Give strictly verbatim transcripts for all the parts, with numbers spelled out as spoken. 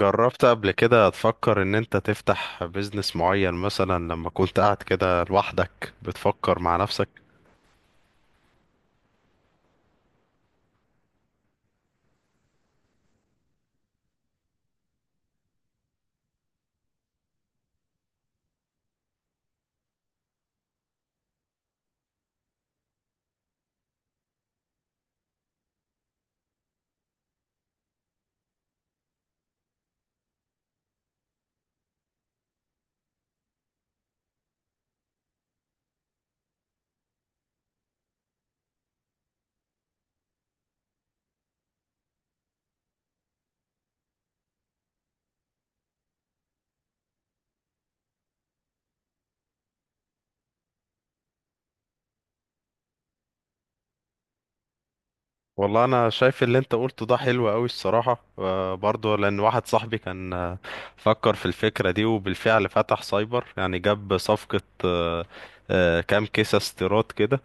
جربت قبل كده تفكر ان انت تفتح بيزنس معين، مثلا لما كنت قاعد كده لوحدك بتفكر مع نفسك؟ والله انا شايف اللي انت قلته ده حلو قوي الصراحة. آه، برضه لان واحد صاحبي كان، آه، فكر في الفكرة دي وبالفعل فتح سايبر. يعني جاب صفقة، آه، آه، كام كيسة استيراد كده،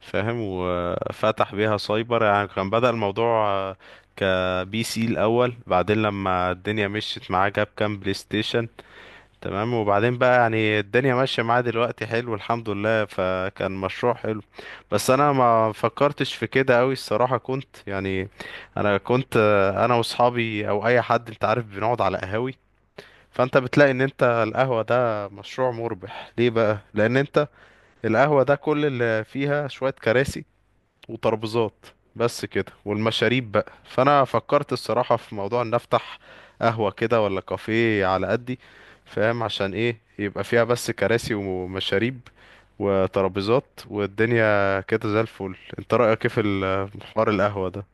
فاهم، وفتح بيها سايبر. يعني كان بدأ الموضوع آه، كبي سي الاول، بعدين لما الدنيا مشيت معاه جاب كام بلاي ستيشن. تمام، وبعدين بقى يعني الدنيا ماشية معاه دلوقتي، حلو الحمد لله، فكان مشروع حلو. بس انا ما فكرتش في كده قوي الصراحة، كنت يعني انا كنت، آه، انا واصحابي او اي حد، انت عارف، بنقعد على قهاوي. فانت بتلاقي ان انت القهوة ده مشروع مربح. ليه بقى؟ لان انت القهوة ده كل اللي فيها شوية كراسي وترابيزات بس كده، والمشاريب بقى. فانا فكرت الصراحة في موضوع ان افتح قهوة كده ولا كافيه على قدي، فاهم، عشان ايه يبقى فيها بس كراسي ومشاريب وترابيزات، والدنيا كده زي الفل. انت رأيك ايه في ال- في حوار القهوة ده؟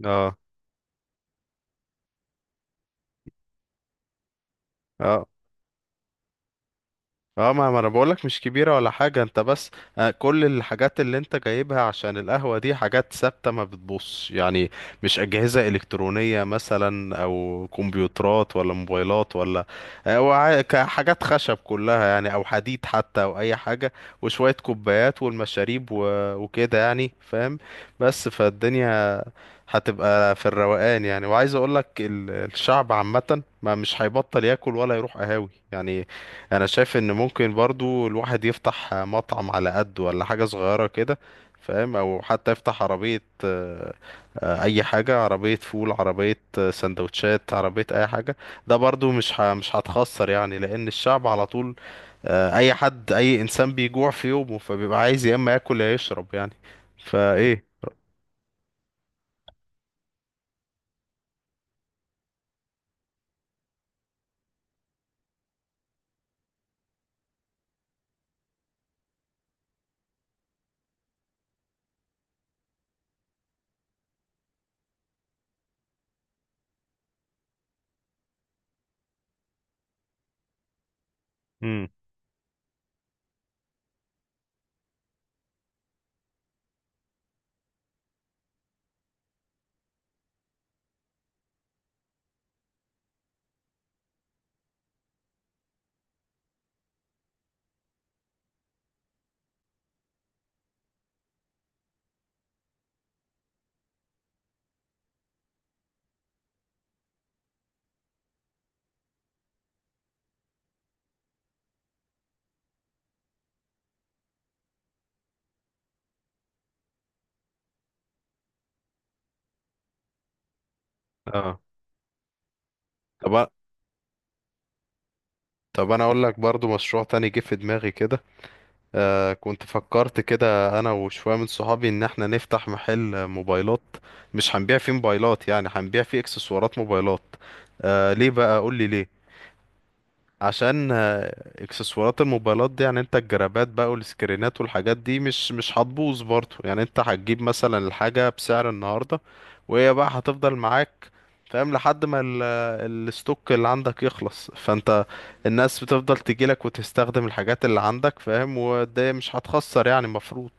اه، اه، اه، ما ما انا بقولك مش كبيرة ولا حاجة. انت بس، آه، كل الحاجات اللي انت جايبها عشان القهوة دي حاجات ثابتة ما بتبص يعني، مش أجهزة إلكترونية مثلا او كمبيوترات ولا موبايلات ولا، آه، وع- ك- حاجات خشب كلها يعني، او حديد حتى، او اي حاجة وشوية كوبايات والمشاريب و- وكده يعني، فاهم. بس فالدنيا هتبقى في الروقان يعني. وعايز اقولك ال- الشعب عامة ما مش هيبطل ياكل ولا يروح قهاوي يعني. انا شايف ان ممكن برضو الواحد يفتح مطعم على قد ولا حاجة صغيرة كده، فاهم، او حتى يفتح عربية، آه، آه، اي حاجة، عربية فول، عربية آه، سندوتشات، عربية اي حاجة. ده برضو مش ه- مش هتخسر يعني، لان الشعب على طول، آه، اي حد، اي انسان بيجوع في يومه، فبيبقى عايز يا اما ياكل يا يشرب يعني، فايه. امم. اه. طب أ- طب انا اقول لك برضو مشروع تاني جه في دماغي كده. آه، كنت فكرت كده انا وشويه من صحابي ان احنا نفتح محل موبايلات. مش هنبيع فيه موبايلات، يعني هنبيع فيه اكسسوارات موبايلات. آه، ليه بقى؟ قول لي ليه. عشان، آه، اكسسوارات الموبايلات دي يعني، انت الجرابات بقى والسكرينات والحاجات دي مش مش هتبوظ برضه يعني، انت هتجيب مثلا الحاجة بسعر النهاردة، وهي بقى هتفضل معاك فاهم، لحد ما ال- الستوك اللي عندك يخلص، فانت الناس بتفضل تجيلك وتستخدم الحاجات اللي عندك، فاهم، وده مش هتخسر يعني مفروض.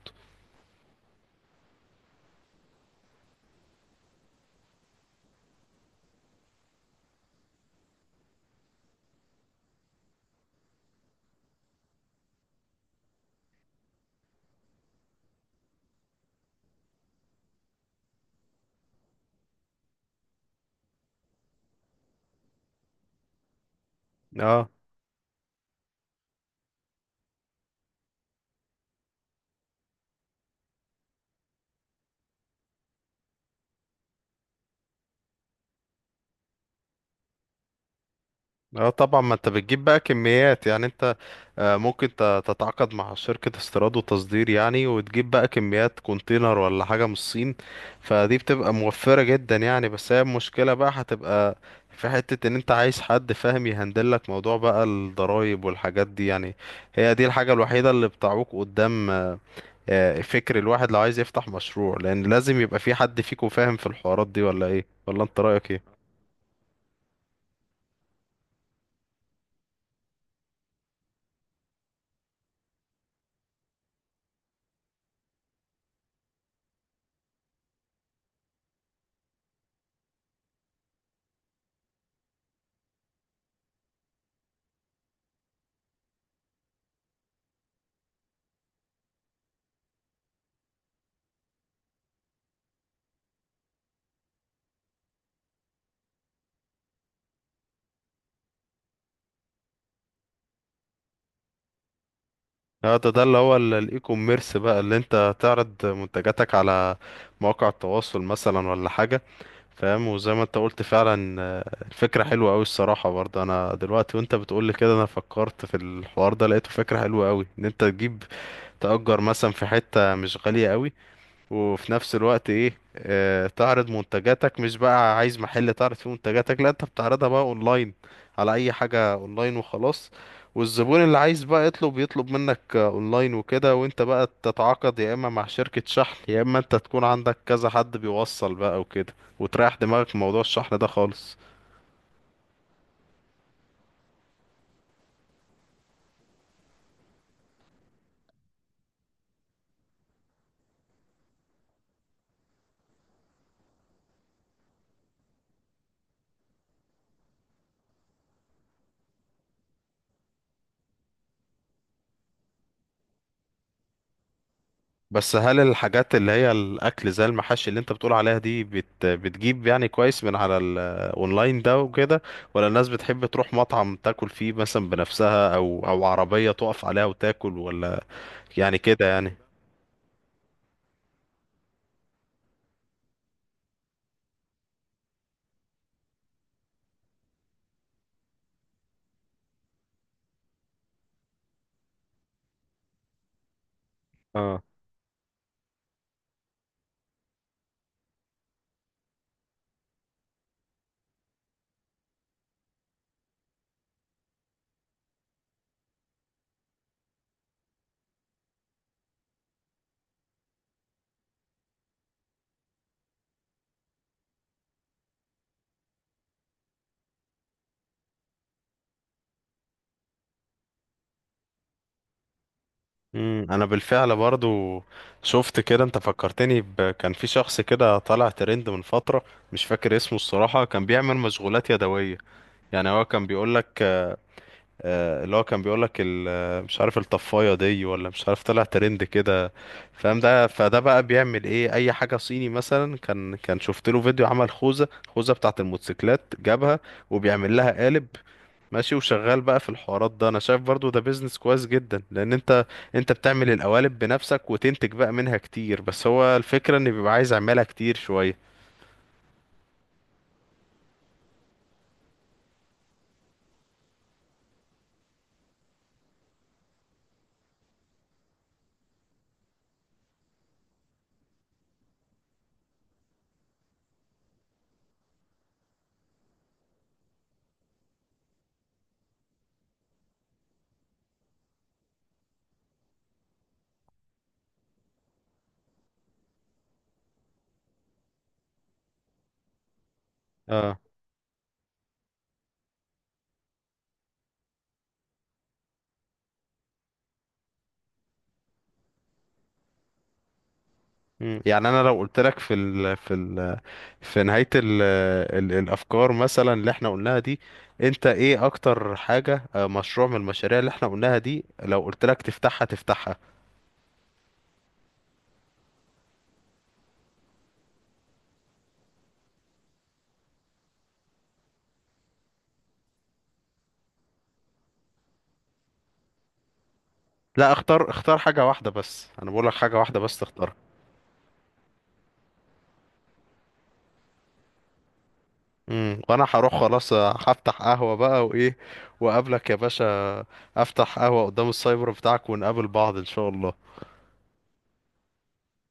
آه. اه طبعا، ما انت بتجيب بقى كميات يعني. انت، آه، ممكن ت- تتعاقد مع شركة استيراد وتصدير يعني، وتجيب بقى كميات كونتينر ولا حاجة من الصين، فدي بتبقى موفرة جدا يعني. بس هي المشكلة بقى هتبقى في حتة ان انت عايز حد فاهم يهندلك موضوع بقى الضرايب والحاجات دي يعني. هي دي الحاجة الوحيدة اللي بتعوق قدام آه، فكر الواحد لو عايز يفتح مشروع، لان لازم يبقى في حد فيكم فاهم في الحوارات دي، ولا ايه؟ ولا انت رأيك ايه؟ اه. ده ده اللي هو ال- الاي كوميرس بقى، اللي انت تعرض منتجاتك على مواقع التواصل مثلا ولا حاجة، فاهم. وزي ما انت قلت فعلا، آه، الفكرة حلوة قوي الصراحة. برضه انا دلوقتي وانت بتقولي كده انا فكرت في الحوار ده، لقيته فكرة حلوة قوي، ان انت تجيب تأجر مثلا في حتة مش غالية قوي، وفي نفس الوقت ايه، آه تعرض منتجاتك. مش بقى عايز محل تعرض فيه منتجاتك، لا انت بتعرضها بقى اونلاين، على اي حاجة اونلاين وخلاص. والزبون اللي عايز بقى يطلب، يطلب منك، آه، اونلاين وكده، وانت بقى تتعاقد يا اما مع شركة شحن يا اما انت تكون عندك كذا حد بيوصل بقى وكده، وتريح دماغك من موضوع الشحن ده خالص. بس هل الحاجات اللي هي الاكل زي المحاشي اللي انت بتقول عليها دي بت بتجيب يعني كويس من على الاونلاين ده وكده، ولا الناس بتحب تروح مطعم تاكل فيه مثلا بنفسها، او او عربية تقف عليها وتاكل، ولا يعني كده يعني. اه. امم، انا بالفعل برضو شفت كده. انت فكرتني ب... كان في شخص كده طالع ترند من فترة، مش فاكر اسمه الصراحة، كان بيعمل مشغولات يدوية. يعني هو كان بيقولك، آه، اللي هو كان بيقولك ال- آه، مش عارف الطفاية دي، ولا مش عارف طلع ترند كده، فاهم. ده فده بقى بيعمل ايه؟ اي حاجة صيني مثلا، كان كان شفت له فيديو عمل خوذة خوذة بتاعة الموتوسيكلات، جابها وبيعمل لها قالب ماشي، وشغال بقى في الحوارات ده. انا شايف برضو ده بيزنس كويس جدا، لان انت انت بتعمل القوالب بنفسك وتنتج بقى منها كتير. بس هو الفكرة ان بيبقى عايز اعملها كتير شوية. اه. مم. يعني انا لو قلت لك في ال في ال في نهاية ال ال الأفكار مثلا اللي احنا قلناها دي، انت ايه أكتر حاجة، آه، مشروع من المشاريع اللي احنا قلناها دي، لو قلت لك تفتحها تفتحها لا، اختار، اختار حاجة واحدة بس، أنا بقول لك حاجة واحدة بس تختارها. امم، وأنا هروح خلاص. آه، هفتح قهوة بقى، وإيه، وأقابلك يا باشا. أفتح قهوة قدام السايبر بتاعك، ونقابل بعض إن شاء الله.